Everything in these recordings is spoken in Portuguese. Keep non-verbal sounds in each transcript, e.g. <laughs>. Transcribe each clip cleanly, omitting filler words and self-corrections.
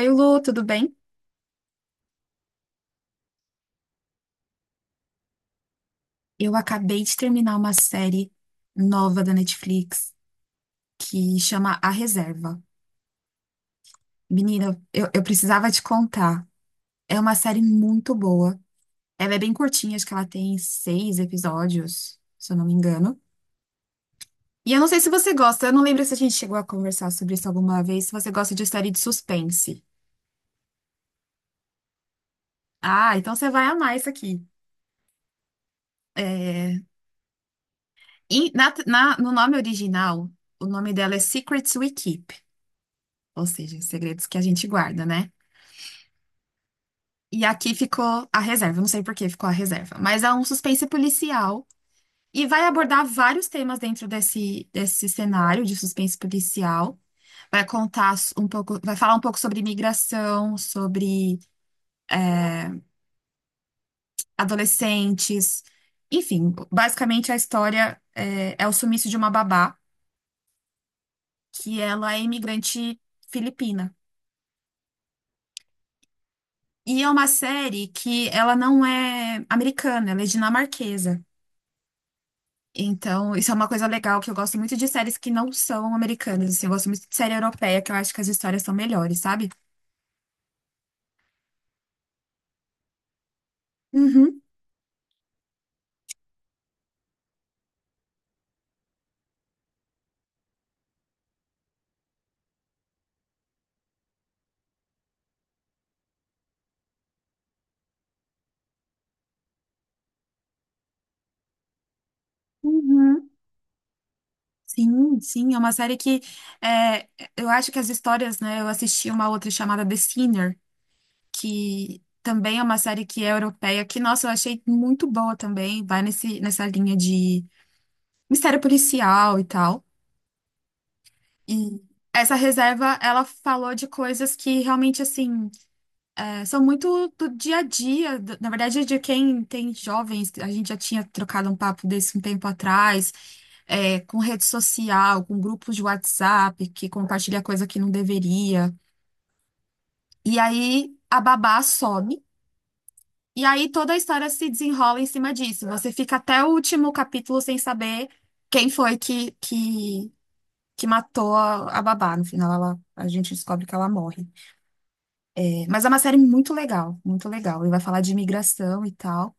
Oi, Lu, tudo bem? Eu acabei de terminar uma série nova da Netflix que chama A Reserva. Menina, eu precisava te contar. É uma série muito boa. Ela é bem curtinha, acho que ela tem seis episódios, se eu não me engano. E eu não sei se você gosta, eu não lembro se a gente chegou a conversar sobre isso alguma vez, se você gosta de série de suspense. Ah, então você vai amar isso aqui. É, e no nome original, o nome dela é Secrets We Keep, ou seja, segredos que a gente guarda, né? E aqui ficou a reserva, eu não sei por que ficou a reserva, mas é um suspense policial e vai abordar vários temas dentro desse cenário de suspense policial. Vai contar um pouco, vai falar um pouco sobre imigração, sobre adolescentes, enfim, basicamente a história é o sumiço de uma babá, que ela é imigrante filipina. E é uma série que ela não é americana, ela é dinamarquesa. Então, isso é uma coisa legal que eu gosto muito de séries que não são americanas, assim, eu gosto muito de série europeia, que eu acho que as histórias são melhores, sabe? Uhum, uhum. Sim, sim, é uma série que é, eu acho que as histórias, né? Eu assisti uma outra chamada The Sinner, que também é uma série que é europeia, que, nossa, eu achei muito boa também, vai nesse, nessa linha de mistério policial e tal. E essa reserva, ela falou de coisas que realmente, assim. É, são muito do dia a dia, na verdade, de quem tem jovens, a gente já tinha trocado um papo desse um tempo atrás, com rede social, com grupos de WhatsApp, que compartilha coisa que não deveria. E aí a babá some, e aí toda a história se desenrola em cima disso. Você fica até o último capítulo sem saber quem foi que matou a babá. No final, ela, a gente descobre que ela morre. É, mas é uma série muito legal, muito legal. Ele vai falar de imigração e tal.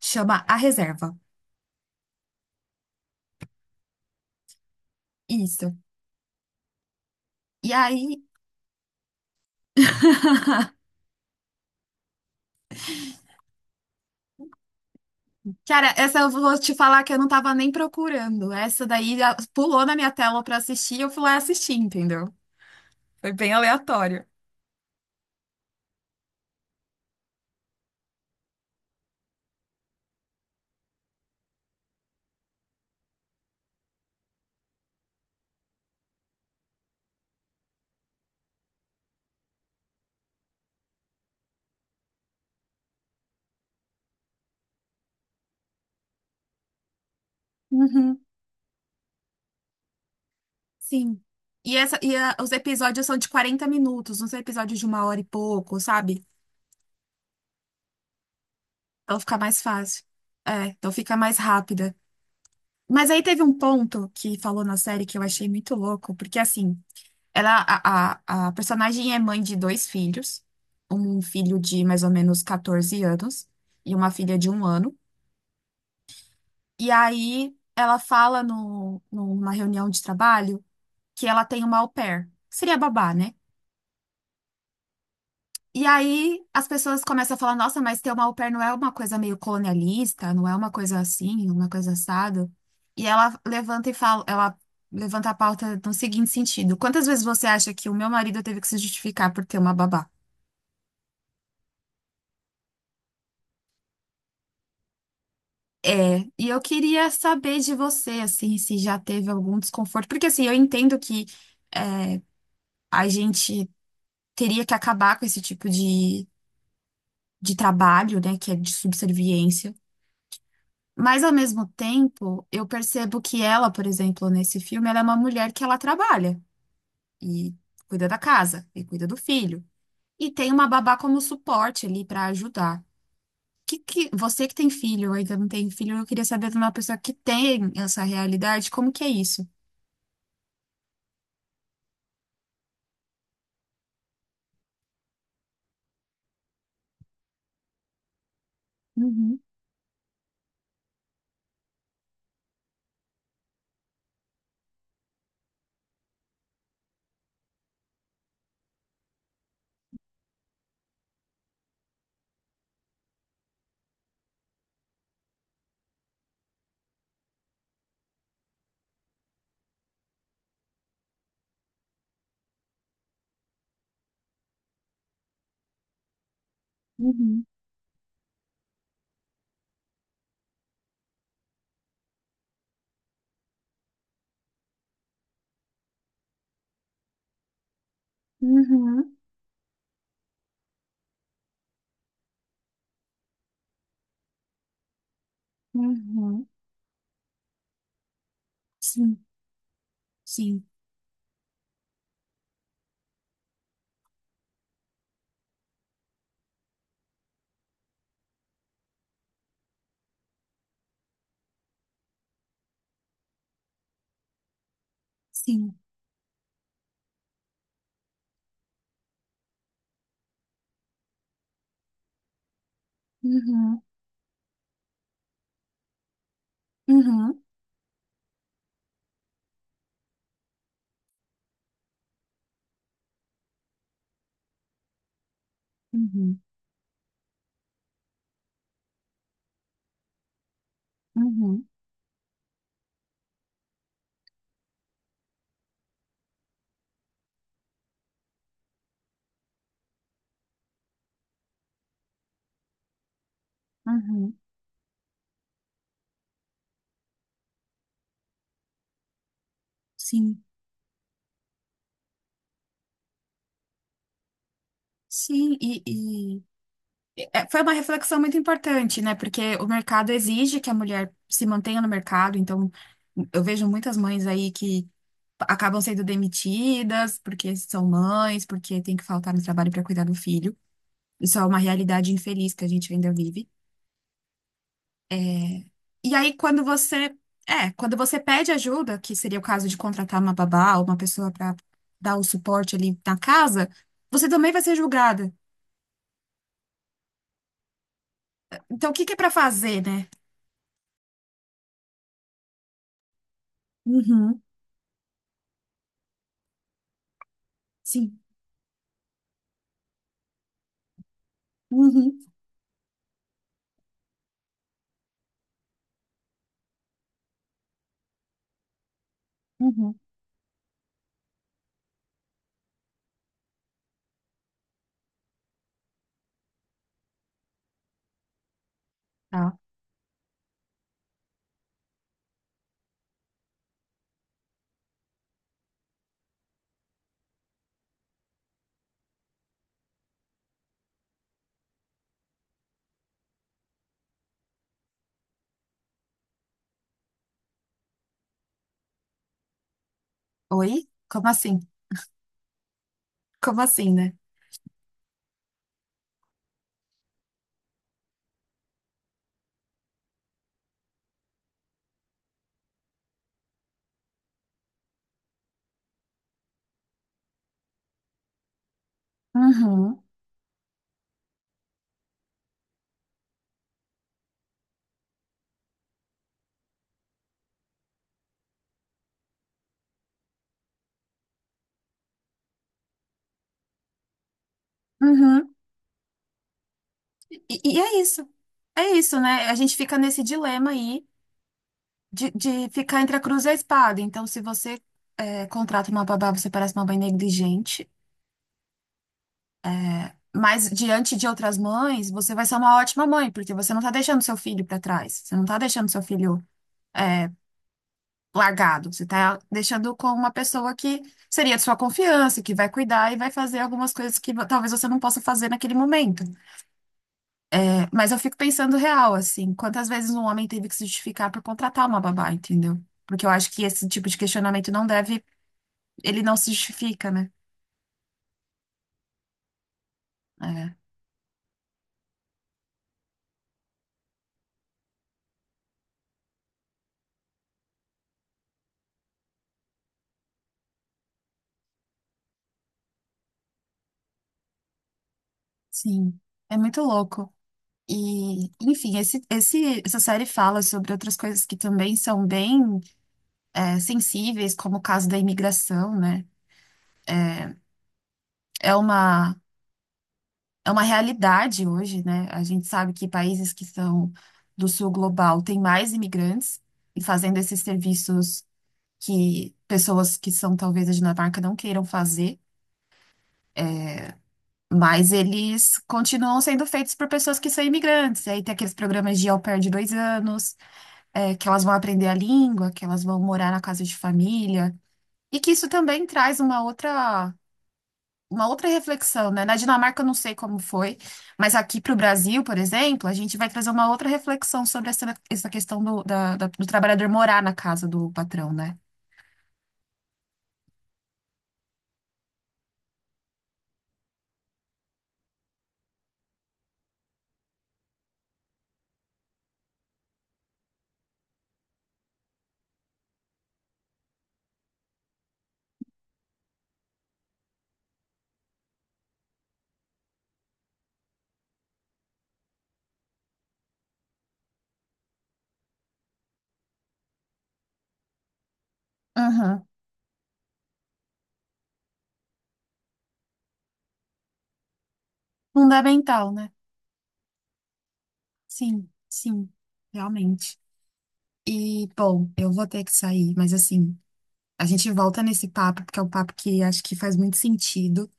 Chama A Reserva. Isso. E aí, <laughs> cara, essa eu vou te falar que eu não tava nem procurando. Essa daí já pulou na minha tela pra assistir e eu fui lá assistir, entendeu? Foi bem aleatório. Uhum, sim. E, os episódios são de 40 minutos, uns episódios de uma hora e pouco, sabe? Então fica mais fácil. É, então fica mais rápida. Mas aí teve um ponto que falou na série que eu achei muito louco, porque assim. Ela, a personagem é mãe de dois filhos, um filho de mais ou menos 14 anos e uma filha de 1 ano. E aí ela fala no, numa reunião de trabalho que ela tem uma au pair, que seria babá, né? E aí as pessoas começam a falar, nossa, mas ter uma au pair não é uma coisa meio colonialista, não é uma coisa assim, uma coisa assada. E ela levanta e fala, ela levanta a pauta no seguinte sentido: quantas vezes você acha que o meu marido teve que se justificar por ter uma babá? E eu queria saber de você, assim, se já teve algum desconforto, porque assim, eu entendo que é, a gente teria que acabar com esse tipo de trabalho, né, que é de subserviência, mas ao mesmo tempo, eu percebo que ela, por exemplo, nesse filme, ela é uma mulher que ela trabalha e cuida da casa e cuida do filho, e tem uma babá como suporte ali para ajudar. Você que tem filho, ou ainda não tem filho, eu queria saber de uma pessoa que tem essa realidade, como que é isso? Uhum. Uhum, uhum, uhum. Sim, sim, sim. Uhum, uhum, uhum, uhum, uhum. Sim, sim. E, foi uma reflexão muito importante, né? Porque o mercado exige que a mulher se mantenha no mercado. Então, eu vejo muitas mães aí que acabam sendo demitidas porque são mães, porque tem que faltar no trabalho para cuidar do filho. Isso é uma realidade infeliz que a gente ainda vive. É, e aí, quando você, quando você pede ajuda, que seria o caso de contratar uma babá ou uma pessoa para dar o suporte ali na casa, você também vai ser julgada. Então, o que que é para fazer, né? Uhum, sim. Uhum, uhum. Tá. Oi? Como assim? Como assim, né? Uhum, uhum. E é isso. É isso, né? A gente fica nesse dilema aí de ficar entre a cruz e a espada. Então, se você contrata uma babá, você parece uma mãe negligente. Mas diante de outras mães, você vai ser uma ótima mãe, porque você não está deixando seu filho para trás, você não está deixando seu filho é, largado, você está deixando com uma pessoa que seria de sua confiança, que vai cuidar e vai fazer algumas coisas que talvez você não possa fazer naquele momento. É, mas eu fico pensando real, assim, quantas vezes um homem teve que se justificar por contratar uma babá, entendeu? Porque eu acho que esse tipo de questionamento não deve, ele não se justifica, né? É, sim, é muito louco. E, enfim, essa série fala sobre outras coisas que também são bem sensíveis, como o caso da imigração, né? É uma, é uma realidade hoje, né? A gente sabe que países que são do sul global têm mais imigrantes e fazendo esses serviços que pessoas que são talvez da Dinamarca não queiram fazer, mas eles continuam sendo feitos por pessoas que são imigrantes. E aí tem aqueles programas de au pair de 2 anos. É, que elas vão aprender a língua, que elas vão morar na casa de família, e que isso também traz uma outra reflexão, né? Na Dinamarca eu não sei como foi, mas aqui para o Brasil, por exemplo, a gente vai trazer uma outra reflexão sobre essa, essa questão do trabalhador morar na casa do patrão, né? Uhum. Fundamental, né? Sim, sim, realmente. E, bom, eu vou ter que sair, mas assim, a gente volta nesse papo, porque é um papo que acho que faz muito sentido.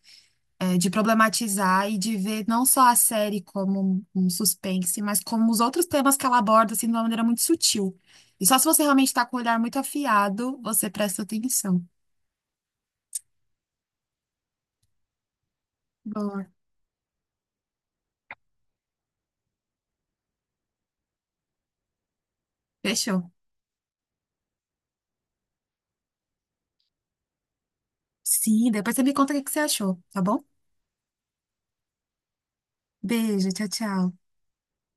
É, de problematizar e de ver não só a série como um suspense, mas como os outros temas que ela aborda, assim, de uma maneira muito sutil. E só se você realmente está com o olhar muito afiado, você presta atenção. Boa. Fechou? Sim, depois você me conta o que que você achou, tá bom? Beijo, tchau, tchau.